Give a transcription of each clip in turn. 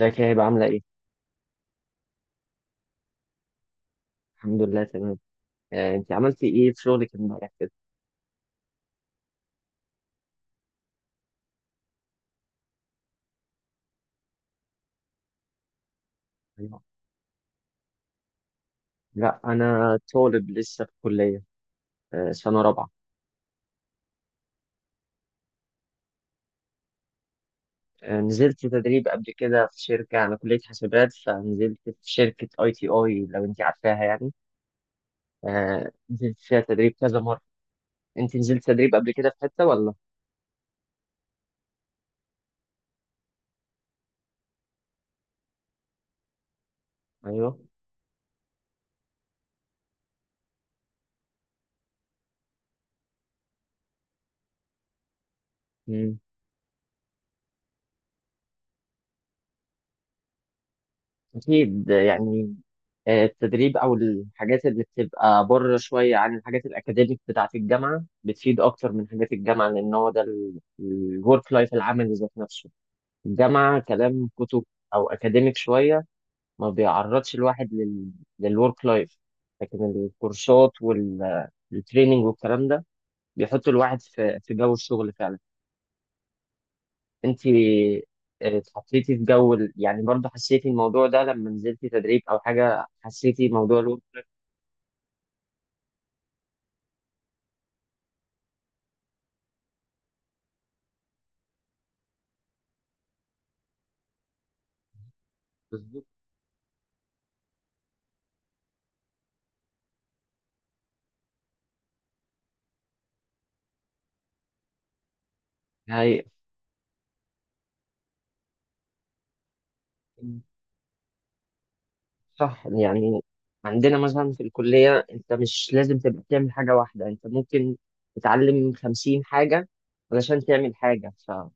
ازيك يا هبة، عاملة ايه؟ الحمد لله، تمام. انت عملتي ايه في شغلك امبارح كده؟ أيوة. لا، انا طالب لسه في كلية. سنة رابعة. نزلت تدريب قبل كده في شركة. أنا كلية حاسبات، فنزلت في شركة اي تي اي، لو انت عارفاها يعني. نزلت فيها تدريب كذا مرة. انت نزلت تدريب قبل كده في حتة ولا؟ ايوه. أكيد يعني. التدريب أو الحاجات اللي بتبقى بره شوية عن الحاجات الأكاديميك بتاعة الجامعة بتفيد أكتر من حاجات الجامعة، لأن هو ده الورك لايف العملي ذات نفسه. الجامعة كلام كتب، أو أكاديميك شوية، ما بيعرضش الواحد للورك لايف. لكن الكورسات والتريننج والكلام ده بيحط الواحد في جو الشغل فعلا. انت اتحطيتي في جو يعني، برضه حسيتي الموضوع ده لما نزلتي تدريب او حاجه، حسيتي موضوع الورك لايف؟ بالظبط. هي صح يعني. عندنا مثلا في الكليه، انت مش لازم تبقى بتعمل حاجه واحده، انت ممكن تتعلم خمسين حاجه علشان تعمل حاجه. فممكن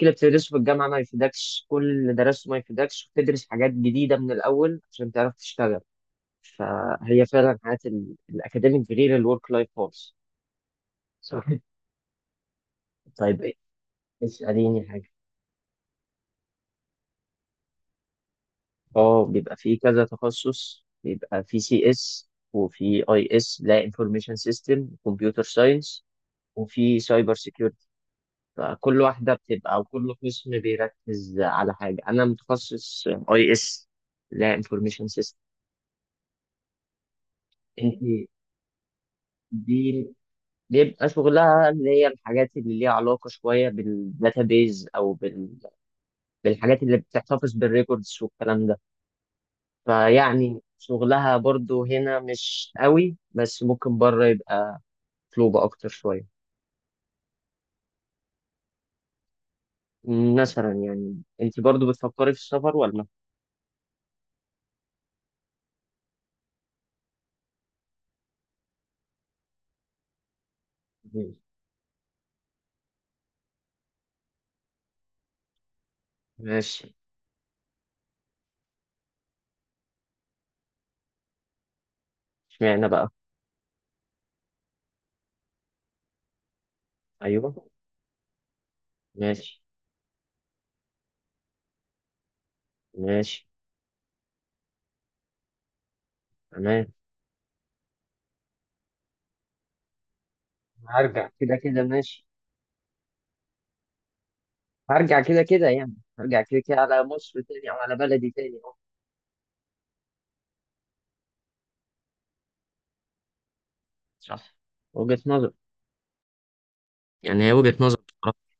اللي بتدرسه في الجامعه ما يفيدكش، كل اللي درسته ما يفيدكش، وتدرس حاجات جديده من الاول عشان تعرف تشتغل. فهي فعلا حياه الاكاديميك غير الورك لايف خالص. صح. طيب، اسأليني حاجة. اه، بيبقى فيه كذا تخصص. بيبقى فيه سي اس، وفي اي اس، لا انفورميشن سيستم، كمبيوتر ساينس، وفي سايبر سيكيورتي. فكل واحدة بتبقى، أو كل قسم بيركز على حاجة. أنا متخصص اي اس، لا انفورميشن سيستم. انت دي بيبقى شغلها اللي هي الحاجات اللي ليها علاقة شوية بالداتابيز، أو بال... بالحاجات اللي بتحتفظ بالريكوردز والكلام ده. فيعني شغلها برضو هنا مش قوي، بس ممكن بره يبقى مطلوبة أكتر شوية. مثلا يعني، أنت برضو بتفكري في السفر ولا؟ مم. ماشي. اشمعنى بقى؟ أيوه. ماشي. ماشي. تمام. هرجع كده كده، ماشي. هرجع كده كده يعني. هرجع كده كده على مصر تاني، أو على بلدي تاني، أه. صح. وجهة نظر. يعني هي وجهة نظر بصراحة.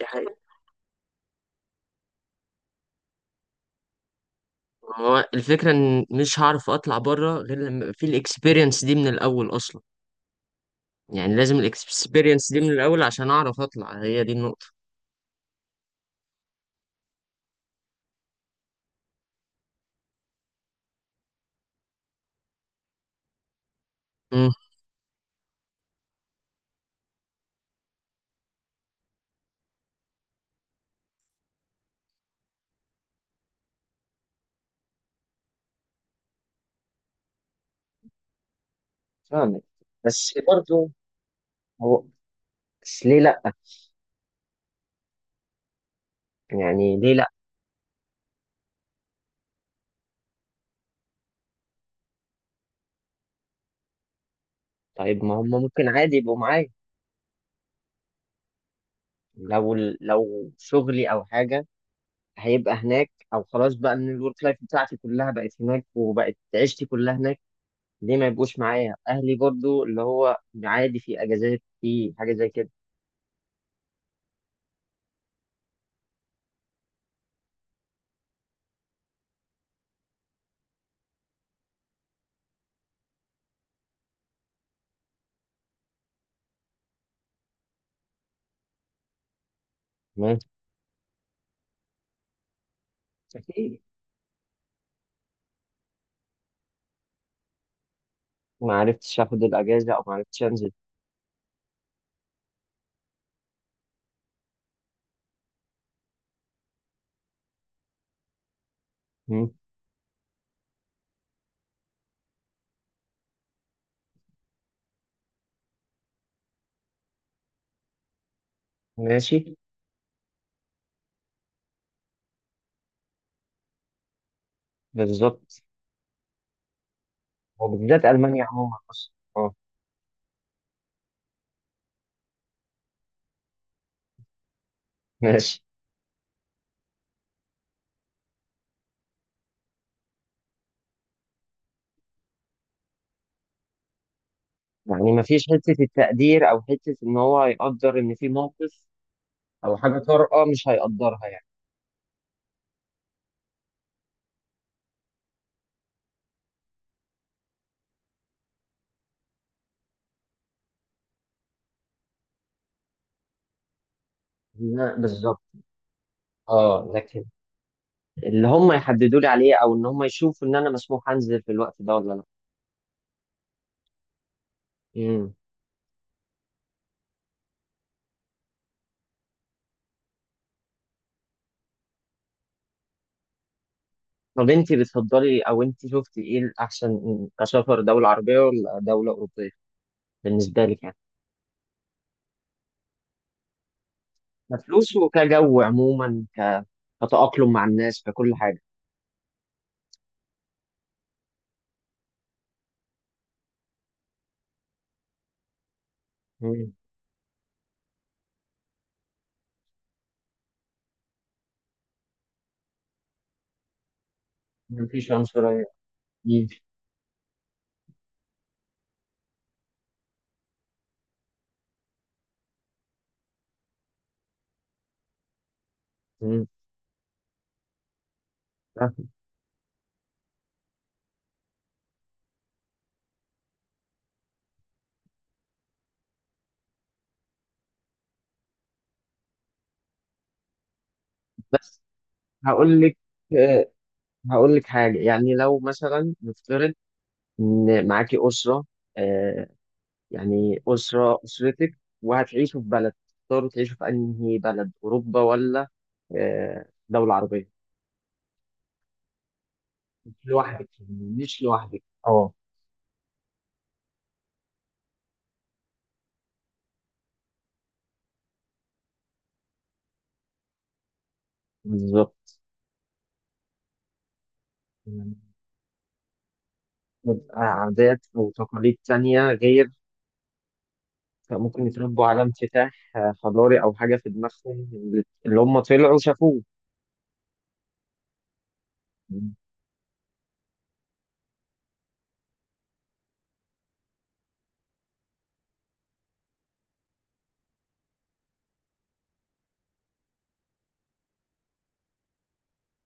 دي حقيقة. هو الفكرة إن مش هعرف أطلع بره غير لما يبقى في الإكسبيرينس دي من الأول أصلا. يعني لازم الاكسبيرينس دي من الاول عشان اعرف اطلع، هي دي النقطة. مم. فاهمك. بس برضه هو بس ليه لأ؟ يعني ليه لأ؟ طيب، ما هم ممكن عادي يبقوا معايا. لو لو شغلي أو حاجة هيبقى هناك، أو خلاص بقى إن الورك لايف بتاعتي كلها بقت هناك، وبقت عيشتي كلها هناك. ليه ما يبقوش معايا أهلي برضه؟ اللي هو عادي، في أجازات، في حاجة زي كده. تمام. أكيد. ما عرفتش آخد الأجازة، أو ما عرفتش أنزل. مم. ماشي. بالظبط. وبالذات ألمانيا عموما أصلا، أه. ماشي. يعني مفيش حتة التقدير، أو حتة إن هو يقدر إن في موقف، أو حاجة طارئة مش هيقدرها يعني. لا، بالظبط. أه لكن اللي هم يحددوا لي عليه، أو إن هم يشوفوا إن أنا مسموح أنزل في الوقت ده ولا لأ. مم. طب أنت بتفضلي، أو أنت شفتي إيه الأحسن، كسفر دولة عربية ولا دولة أوروبية، بالنسبة لك يعني؟ كفلوس، وكجو عموما، كتأقلم مع الناس، ككل حاجة. مم. مفيش عنصرية. مم. مم. بس هقول لك آه، هقول لك حاجة. يعني لو مثلا نفترض إن معاكي أسرة، آه، يعني أسرتك، وهتعيشوا في بلد، تختاروا تعيشوا في أنهي بلد، أوروبا ولا دولة عربية؟ مش لوحدك يعني، مش لوحدك، أه. بالظبط. يعني بيبقى عادات وتقاليد تانية غير. فممكن يتربوا على انفتاح حضاري، أو حاجة في دماغهم اللي هم طلعوا شافوه.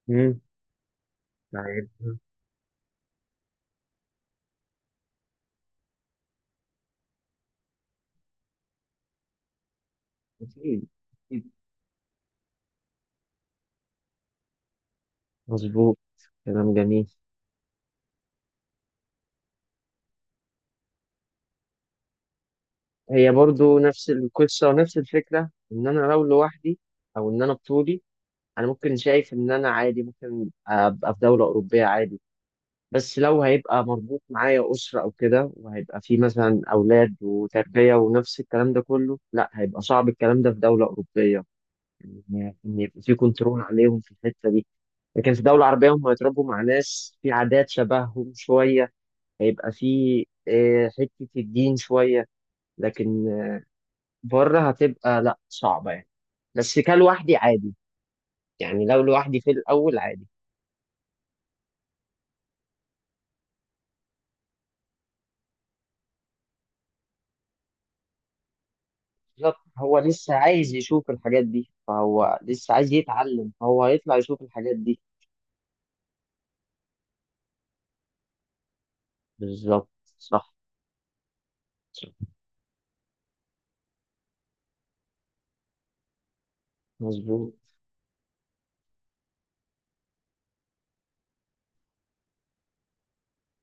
مم. طيب. أكيد. مظبوط. كلام جميل. هي برضو نفس القصة ونفس الفكرة، إن أنا لو لوحدي، أو إن أنا بطولي، أنا ممكن شايف إن أنا عادي، ممكن أبقى في دولة أوروبية عادي. بس لو هيبقى مربوط معايا أسرة أو كده، وهيبقى في مثلا أولاد وتربية ونفس الكلام ده كله، لا، هيبقى صعب الكلام ده في دولة أوروبية. إن يبقى في كنترول عليهم في الحتة دي. لكن في دولة عربية هم هيتربوا مع ناس في عادات شبههم شوية، هيبقى في حتة الدين شوية. لكن بره هتبقى لا، صعبة يعني. بس كلوحدي عادي، يعني لو لوحدي في الأول عادي. بالظبط. هو لسه عايز يشوف الحاجات دي، فهو لسه عايز يتعلم، فهو هيطلع يشوف الحاجات دي. بالظبط. صح. صح. مظبوط.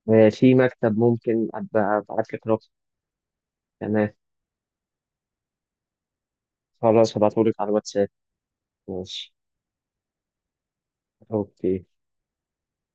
في مكتب، ممكن أبقى أبعت لك رقم. تمام. خلاص، هبعتهولك على الواتساب. ماشي. أوكي.